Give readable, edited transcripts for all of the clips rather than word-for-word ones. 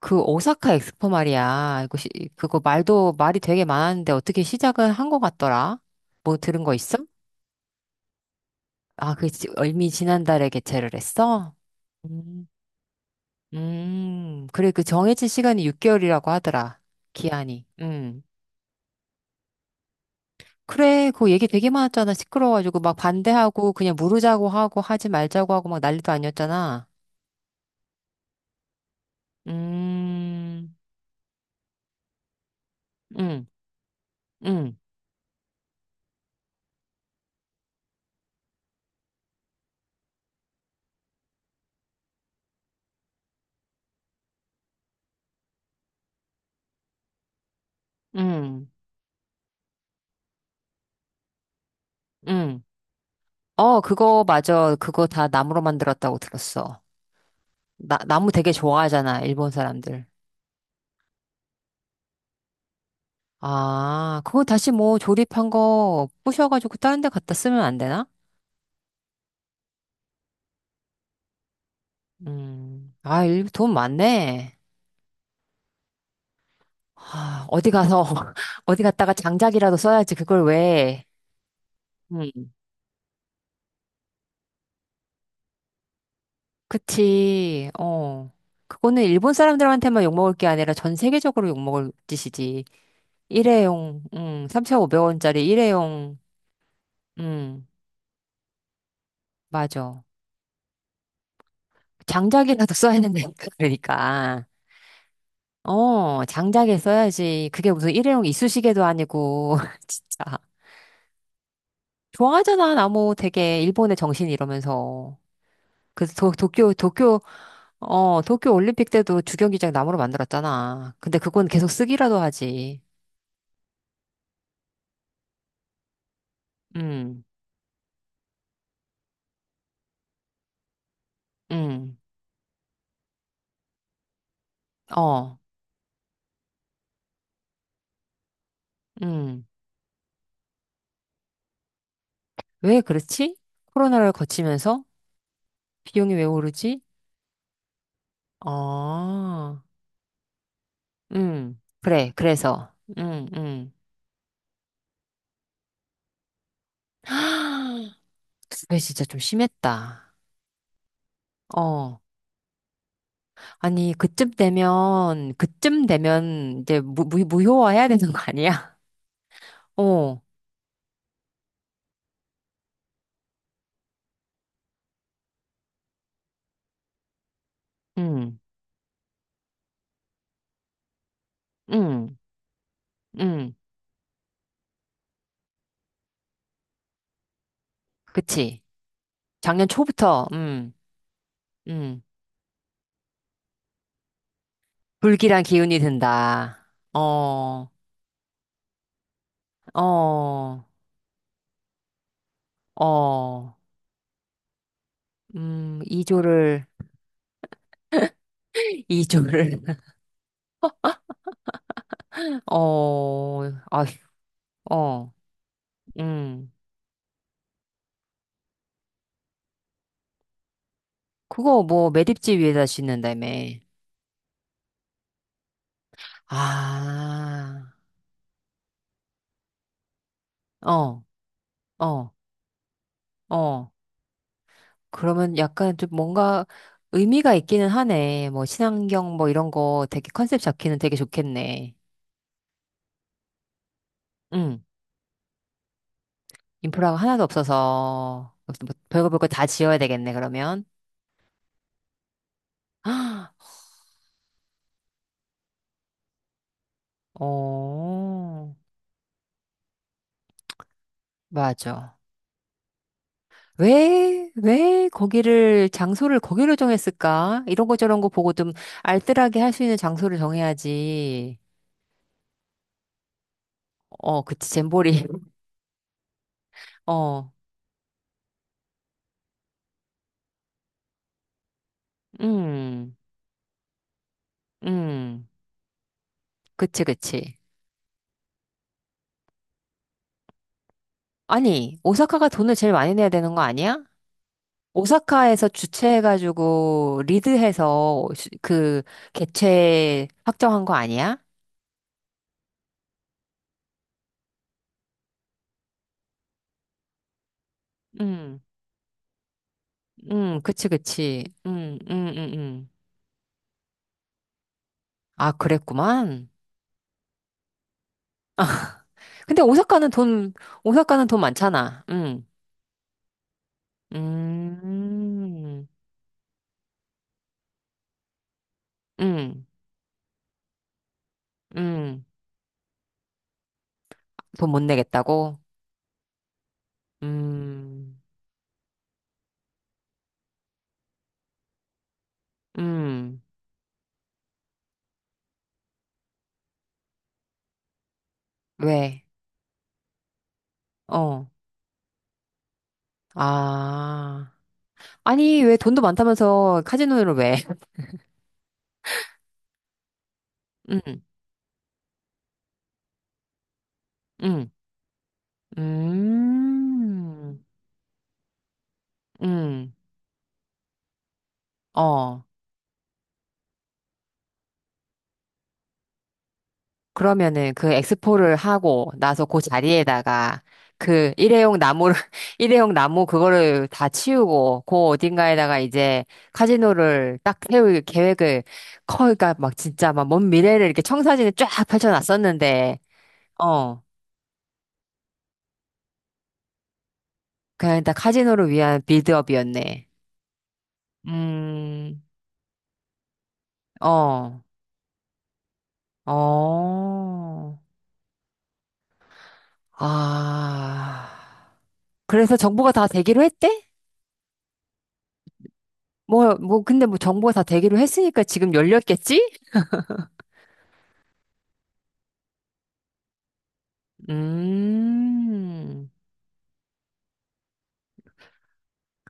그 오사카 엑스포 말이야. 이거 시, 그거 말도 말이 되게 많았는데 어떻게 시작을 한 것 같더라? 뭐 들은 거 있어? 아, 이미 지난달에 개최를 했어? 음, 그래 그 정해진 시간이 6개월이라고 하더라. 기한이. 음. 그래, 그거 얘기 되게 많았잖아. 시끄러워가지고 막 반대하고 그냥 무르자고 하고 하지 말자고 하고 막 난리도 아니었잖아. 음, 음, 음, 음, 음. 어, 그거 맞아. 그거 다 나무로 만들었다고 들었어. 나무 되게 좋아하잖아, 일본 사람들. 아, 그거 다시 뭐 조립한 거 부셔가지고 다른 데 갖다 쓰면 안 되나? 아, 일, 돈 많네. 아, 어디 가서, 어디 갔다가 장작이라도 써야지, 그걸 왜. 음, 그치, 어. 그거는 일본 사람들한테만 욕먹을 게 아니라 전 세계적으로 욕먹을 짓이지. 일회용, 3,500원짜리 일회용, 음, 맞아. 장작이라도 써야 된다니까, 그러니까. 어, 장작에 써야지. 그게 무슨 일회용 이쑤시개도 아니고, 진짜. 좋아하잖아, 나무 되게, 일본의 정신 이러면서. 그래서 도쿄, 어, 도쿄 올림픽 때도 주경기장 나무로 만들었잖아. 근데 그건 계속 쓰기라도 하지. 음, 음, 어, 음. 왜 그렇지? 코로나를 거치면서 비용이 왜 오르지? 아, 그래, 그래서, 음. 그게 진짜 좀 심했다. 어. 아니, 그쯤 되면, 그쯤 되면 이제 무효화해야 되는 거 아니야? 어, 응, 응, 응. 그치. 작년 초부터, 응, 응. 불길한 기운이 든다. 어, 어, 어. 이조를이조를 어, 아휴, 어, 음. 그거 뭐 매립지 위에다 짓는다며. 아, 어, 어, 어. 그러면 약간 좀 뭔가 의미가 있기는 하네. 뭐 친환경 뭐 이런 거 되게 컨셉 잡기는 되게 좋겠네. 응. 인프라가 하나도 없어서 뭐 별거 별거 다 지어야 되겠네, 그러면. 어, 맞아. 왜, 왜 거기를, 장소를 거기로 정했을까? 이런 거 저런 거 보고 좀 알뜰하게 할 수 있는 장소를 정해야지. 어, 그치, 잼버리. 어, 음, 음, 그치, 그치. 아니, 오사카가 돈을 제일 많이 내야 되는 거 아니야? 오사카에서 주최해가지고 리드해서 그 개최 확정한 거 아니야? 응, 응, 그치, 그치. 응, 응, 응, 응. 아, 그랬구만. 근데 오사카는 돈, 오사카는 돈 많잖아. 응, 음, 응, 응. 돈 못 내겠다고? 음, 음. 왜? 어. 아. 아니, 왜 돈도 많다면서 카지노를 왜? 응, 응, 음, 응, 어. 그러면은 그 엑스포를 하고 나서 그 자리에다가 그 일회용 나무를, 일회용 나무 그거를 다 치우고 그 어딘가에다가 이제 카지노를 딱 세울 계획을 커, 그러니까 막 진짜 막 먼 미래를 이렇게 청사진에 쫙 펼쳐놨었는데, 어. 그냥 일단 카지노를 위한 빌드업이었네. 음, 어. 어. 아. 그래서 정보가 다 되기로 했대? 뭐, 뭐, 근데 뭐 정보가 다 되기로 했으니까 지금 열렸겠지? 음.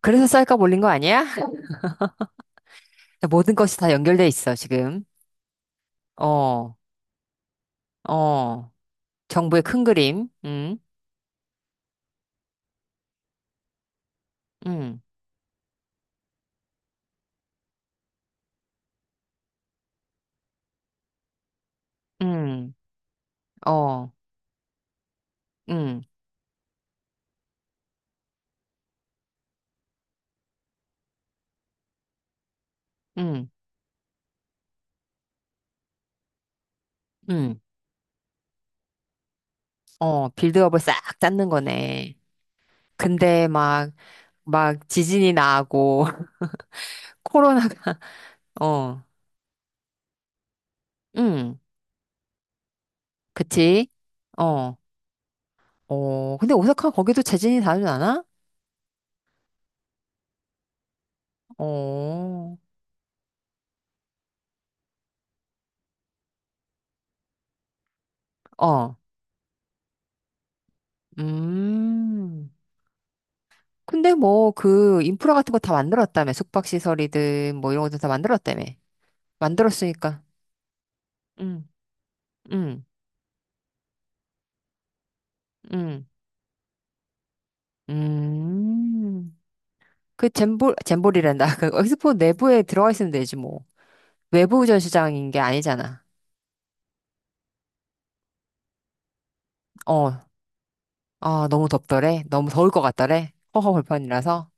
그래서 쌀값 올린 거 아니야? 모든 것이 다 연결돼 있어, 지금. 어, 어. 정부의 큰 그림. 음, 음, 어, 음, 음, 음. 어, 빌드업을 싹 짰는 거네. 근데 막, 막 지진이 나고, 코로나, 어, 음. 그치? 어, 어, 근데 오사카 거기도 재진이 다르지 않아? 어, 어, 음. 근데 뭐 그 인프라 같은 거 다 만들었다며. 숙박시설이든 뭐 이런 것도 다 만들었다며. 만들었으니까. 응, 응, 응, 음. 그 잼볼이란다. 그 엑스포 내부에 들어가 있으면 되지 뭐. 외부 전시장인 게 아니잖아. 어, 아, 너무 덥더래. 너무 더울 것 같더래. 허허 벌판이라서.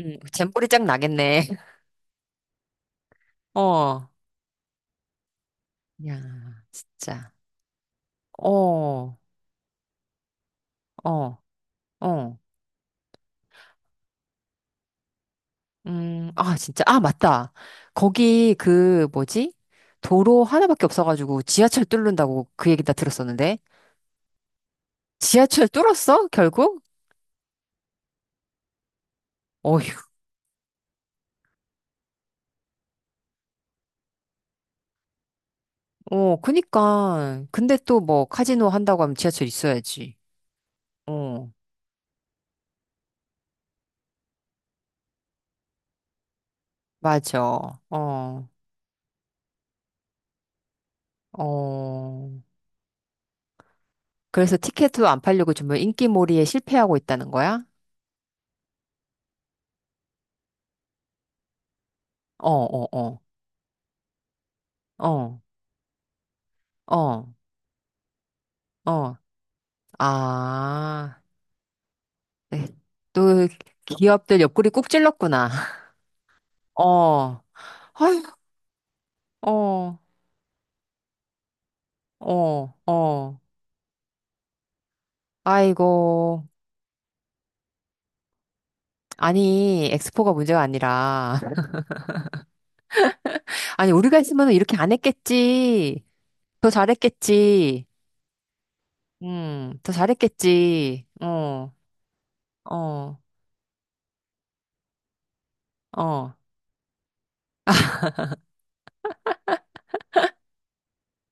잼볼이 짱 나겠네. 어. 야, 진짜. 어, 어, 어. 아, 진짜. 아, 맞다. 거기 그 뭐지? 도로 하나밖에 없어가지고 지하철 뚫는다고 그 얘기 다 들었었는데. 지하철 뚫었어? 결국? 어휴. 어, 그니까. 근데 또 뭐 카지노 한다고 하면 지하철 있어야지. 어, 맞아. 어, 어. 그래서 티켓도 안 팔려고 정말 인기몰이에 실패하고 있다는 거야? 어, 어, 어. 어, 어, 어. 아, 네. 또 기업들 옆구리 꾹 찔렀구나. 어. 아휴, 어, 어, 어. 아이고. 아니, 엑스포가 문제가 아니라. 아니, 우리가 했으면 이렇게 안 했겠지. 더 잘했겠지. 더 잘했겠지. 어, 어, 어.